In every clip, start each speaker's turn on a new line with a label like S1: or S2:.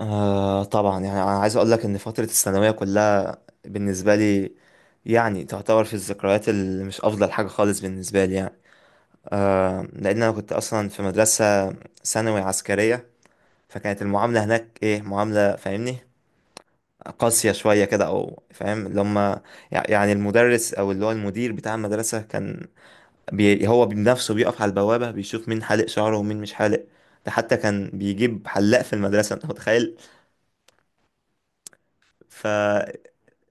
S1: آه طبعا، يعني انا عايز اقول لك ان فتره الثانويه كلها بالنسبه لي، يعني تعتبر في الذكريات اللي مش افضل حاجه خالص بالنسبه لي، يعني. لان انا كنت اصلا في مدرسه ثانوي عسكريه، فكانت المعامله هناك ايه، معامله فاهمني قاسيه شويه كده، او فاهم اللي هم، يعني المدرس او اللي هو المدير بتاع المدرسه كان بي هو بنفسه بيقف على البوابه بيشوف مين حالق شعره ومين مش حالق، ده حتى كان بيجيب حلاق في المدرسه، انت متخيل؟ ف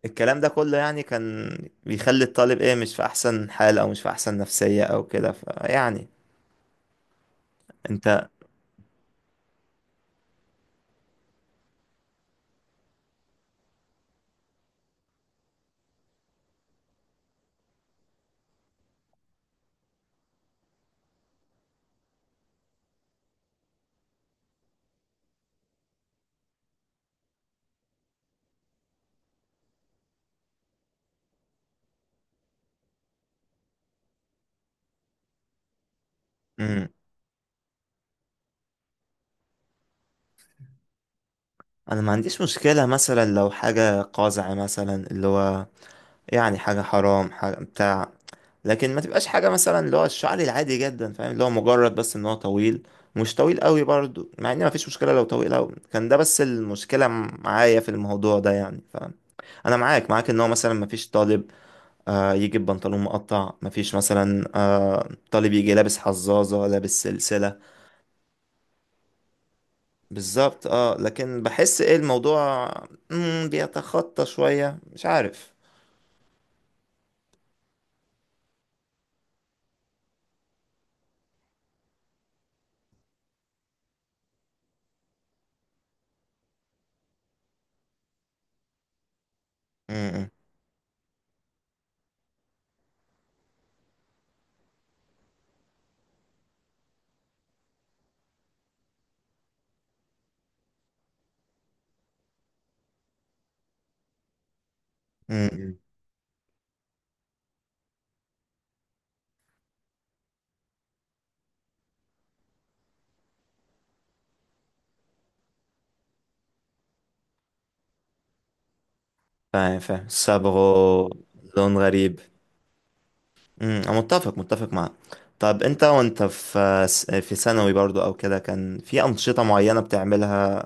S1: الكلام ده كله يعني كان بيخلي الطالب ايه، مش في احسن حال او مش في احسن نفسية او كده، فيعني انت. مم. انا ما عنديش مشكلة مثلا لو حاجة قازعة، مثلا اللي هو يعني حاجة حرام حاجة بتاع، لكن ما تبقاش حاجة مثلا اللي هو الشعري العادي جدا، فاهم اللي هو مجرد بس ان هو طويل، مش طويل قوي برضو، مع ان ما فيش مشكلة لو طويل قوي كان، ده بس المشكلة معايا في الموضوع ده يعني فاهم. انا معاك معاك، ان هو مثلا ما فيش طالب يجي ببنطلون مقطع، مفيش مثلا طالب يجي لابس حزازة لابس سلسلة. بالظبط اه، لكن بحس ايه الموضوع، بيتخطى شوية، مش عارف. مم، مم، مم. فاهم فاهم، صبغه، لون غريب. مم، انا متفق متفق معاك. طب انت وانت في ثانوي برضو او كده، كان في انشطة معينة بتعملها؟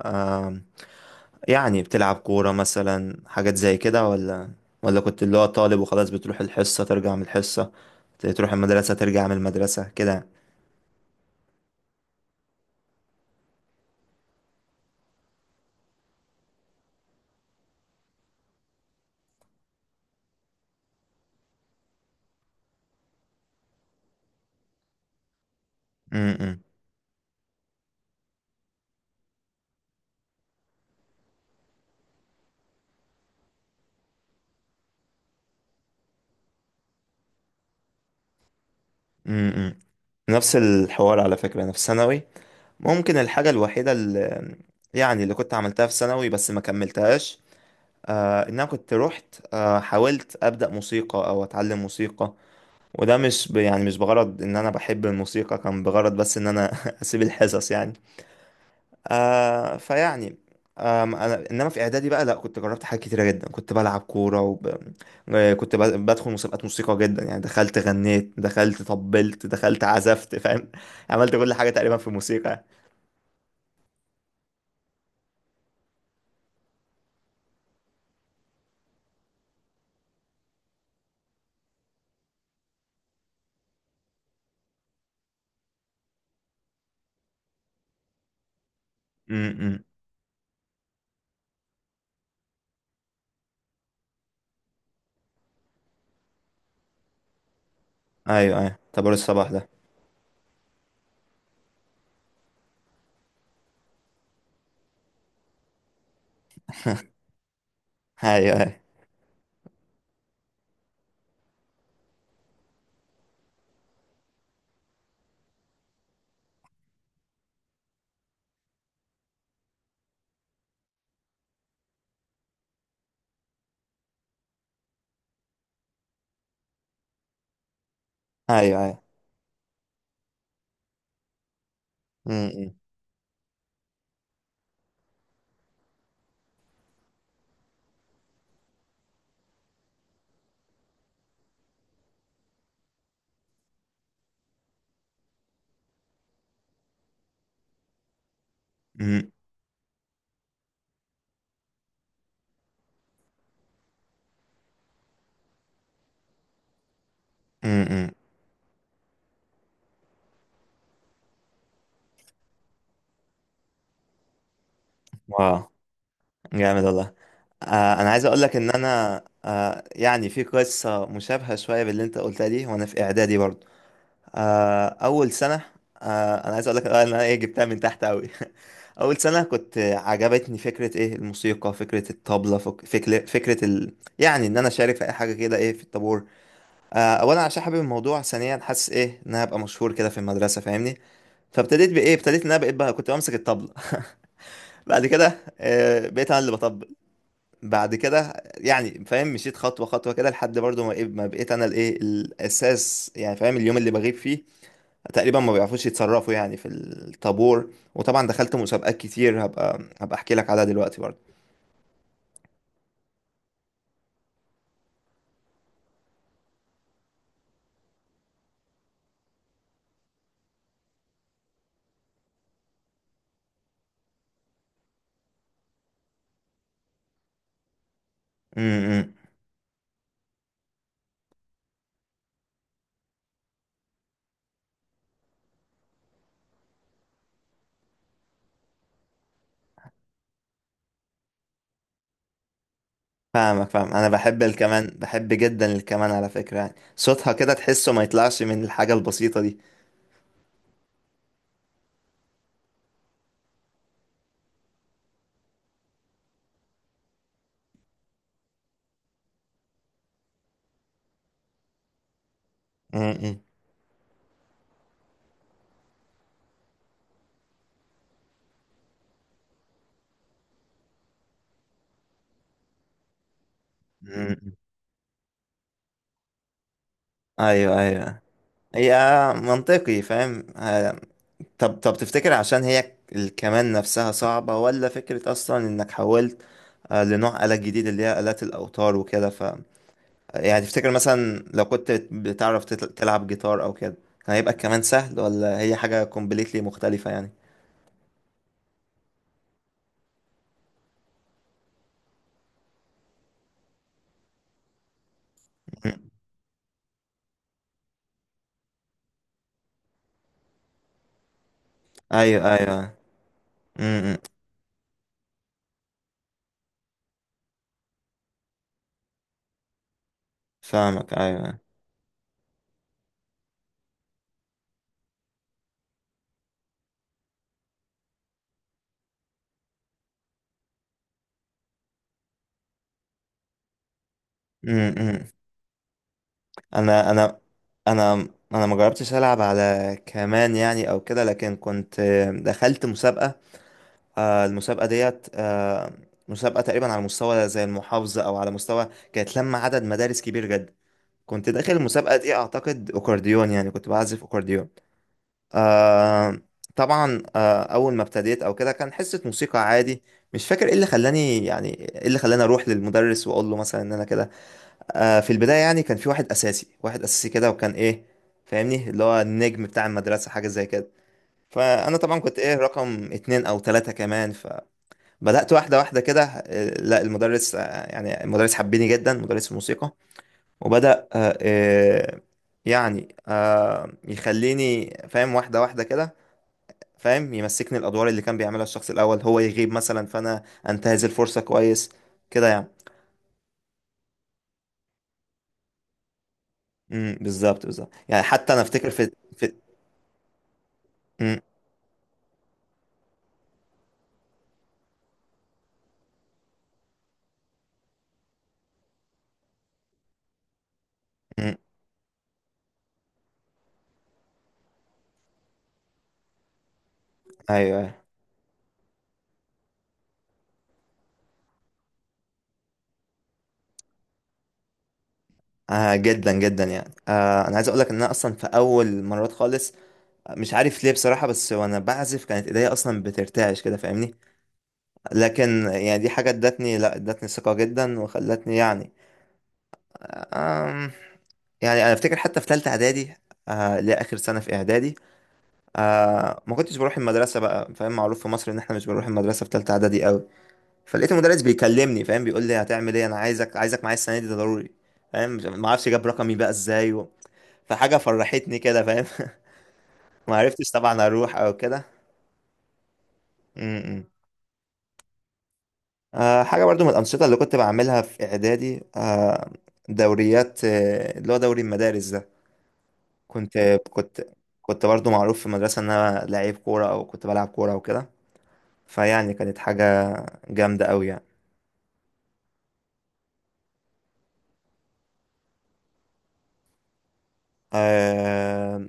S1: يعني بتلعب كورة مثلا، حاجات زي كده، ولا كنت اللي هو طالب وخلاص، بتروح الحصة ترجع من الحصة، تروح المدرسة ترجع من المدرسة كده؟ م-م. م-م. نفس الحوار على فكرة، أنا في ثانوي ممكن الحاجة الوحيدة اللي يعني اللي كنت عملتها في ثانوي بس ما كملتهاش، آه إن أنا كنت رحت حاولت أبدأ موسيقى أو أتعلم موسيقى، وده مش يعني مش بغرض إن أنا بحب الموسيقى، كان بغرض بس إن أنا أسيب الحصص يعني. فيعني انا انما في اعدادي بقى لا، كنت جربت حاجات كتيره جدا، كنت بلعب كوره آه، كنت بدخل مسابقات موسيقى جدا، يعني دخلت غنيت دخلت طبلت دخلت عزفت فاهم عملت كل حاجه تقريبا في الموسيقى. امم. ايوه ايوه، طابور الصباح ده. ايوه ايوه. ايوه ايوه. امم. امم. امم. واو، جامد والله. انا عايز اقول لك ان انا يعني في قصه مشابهه شويه باللي انت قلتها دي، وانا في اعدادي برضه. آه، اول سنه، آه، انا عايز اقول لك آه، ان انا ايه جبتها من تحت قوي. اول سنه كنت عجبتني فكره ايه، الموسيقى، فكره الطبله، فكره فكره ال... يعني ان انا اشارك في اي حاجه كده، ايه في الطابور. آه، اولا عشان حابب الموضوع، ثانيا حاسس ايه، ان انا هبقى مشهور كده في المدرسه فاهمني. فابتديت بايه، ابتديت ان انا بقيت بقى كنت بمسك الطبله. بعد كده آه، بقيت انا اللي بطبل. بعد كده يعني فاهم مشيت خطوه خطوه كده، لحد برضو ما إيه، ما بقيت انا الايه الاساس، يعني فاهم اليوم اللي بغيب فيه تقريبا ما بيعرفوش يتصرفوا يعني في الطابور. وطبعا دخلت مسابقات كتير هبقى هبقى احكي لك عليها دلوقتي برضه. امم. فاهمك فاهم، انا بحب الكمان، بحب جدا الكمان على فكرة، يعني صوتها كده تحسه ما يطلعش من الحاجة البسيطة دي. امم. امم. ايوه ايوه. هي منطقي فاهم آه، طب طب تفتكر عشان هي الكمان نفسها صعبة، ولا فكرة أصلا إنك حولت آه، لنوع آلة جديد، اللي هي آلات الأوتار وكده، يعني تفتكر مثلا لو كنت بتعرف تلعب جيتار او كده، كان هيبقى كمان سهل، ولا هي حاجة كومبليتلي مختلفة يعني؟ مم. ايوه ايوه. امم. فاهمك ايوه. امم. امم. انا انا انا انا ما جربتش العب على كمان يعني او كده، لكن دخلت مسابقة. آه، المسابقة ديت آه، مسابقة تقريبا على مستوى زي المحافظة، او على مستوى كانت لما عدد مدارس كبير جدا. كنت داخل المسابقة دي اعتقد اكورديون، يعني كنت بعزف اكورديون. آه طبعا اول ما ابتديت او كده كان حصه موسيقى عادي، مش فاكر ايه اللي خلاني يعني، ايه اللي خلاني اروح للمدرس واقول له مثلا ان انا كده. آه في البدايه يعني كان في واحد اساسي، واحد اساسي كده، وكان ايه فاهمني اللي هو النجم بتاع المدرسه، حاجه زي كده. فانا طبعا كنت ايه، رقم اتنين او تلاته كمان. فبدات واحده واحده كده، آه، لا المدرس آه، يعني المدرس حبني جدا مدرس الموسيقى، وبدا آه آه، يعني آه يخليني فاهم واحده واحده كده، فاهم يمسكني الادوار اللي كان بيعملها الشخص الاول، هو يغيب مثلا فانا انتهز الفرصه كويس كده يعني. امم، بالظبط بالظبط، يعني حتى انا افتكر في. امم. امم. ايوه ايوه. آه جدا جدا يعني، انا عايز اقول لك ان انا اصلا في اول مرات خالص مش عارف ليه بصراحه، بس وانا بعزف كانت ايديا اصلا بترتعش كده فاهمني. لكن يعني دي حاجه ادتني، لا ادتني ثقه جدا وخلتني يعني آم، يعني انا افتكر حتى في ثالثه اعدادي، آه لاخر سنه في اعدادي، ما كنتش بروح المدرسه بقى فاهم، معروف في مصر ان احنا مش بنروح المدرسه في ثالثه اعدادي قوي. فلقيت المدرس بيكلمني فاهم، بيقول لي هتعمل ايه، انا عايزك عايزك معايا السنه دي، ده ضروري فاهم. ما اعرفش جاب رقمي بقى ازاي فحاجه فرحتني كده فاهم. ما عرفتش طبعا اروح او كده. م-م. آه حاجه برضو من الانشطه اللي كنت بعملها في اعدادي، آه دوريات آه، اللي هو دوري المدارس ده. كنت كنت برضو معروف في المدرسه ان انا لعيب كوره، او كنت بلعب كوره وكده، فيعني كانت حاجه جامده قوي يعني. آه،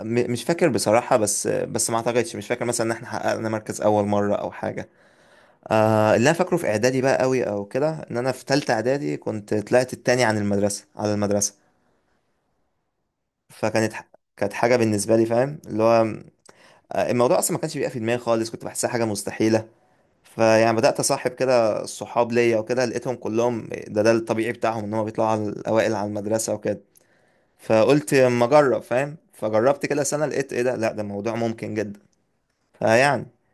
S1: مش فاكر بصراحة، بس بس ما اعتقدش، مش فاكر مثلا ان احنا حققنا مركز اول مرة او حاجة. آه اللي انا فاكره في اعدادي بقى قوي او كده، ان انا في تالتة اعدادي كنت طلعت التاني عن المدرسة، على المدرسة. فكانت ح- كانت حاجة بالنسبة لي فاهم اللي هو آه، الموضوع اصلا ما كانش بيبقى في دماغي خالص، كنت بحسها حاجة مستحيلة. فيعني بدأت اصاحب كده الصحاب ليا وكده، لقيتهم كلهم ده الطبيعي بتاعهم ان هم بيطلعوا على الاوائل على المدرسة وكده. فقلت اما اجرب فاهم، فجربت كده سنه لقيت ايه، ده لا ده موضوع ممكن جدا. فيعني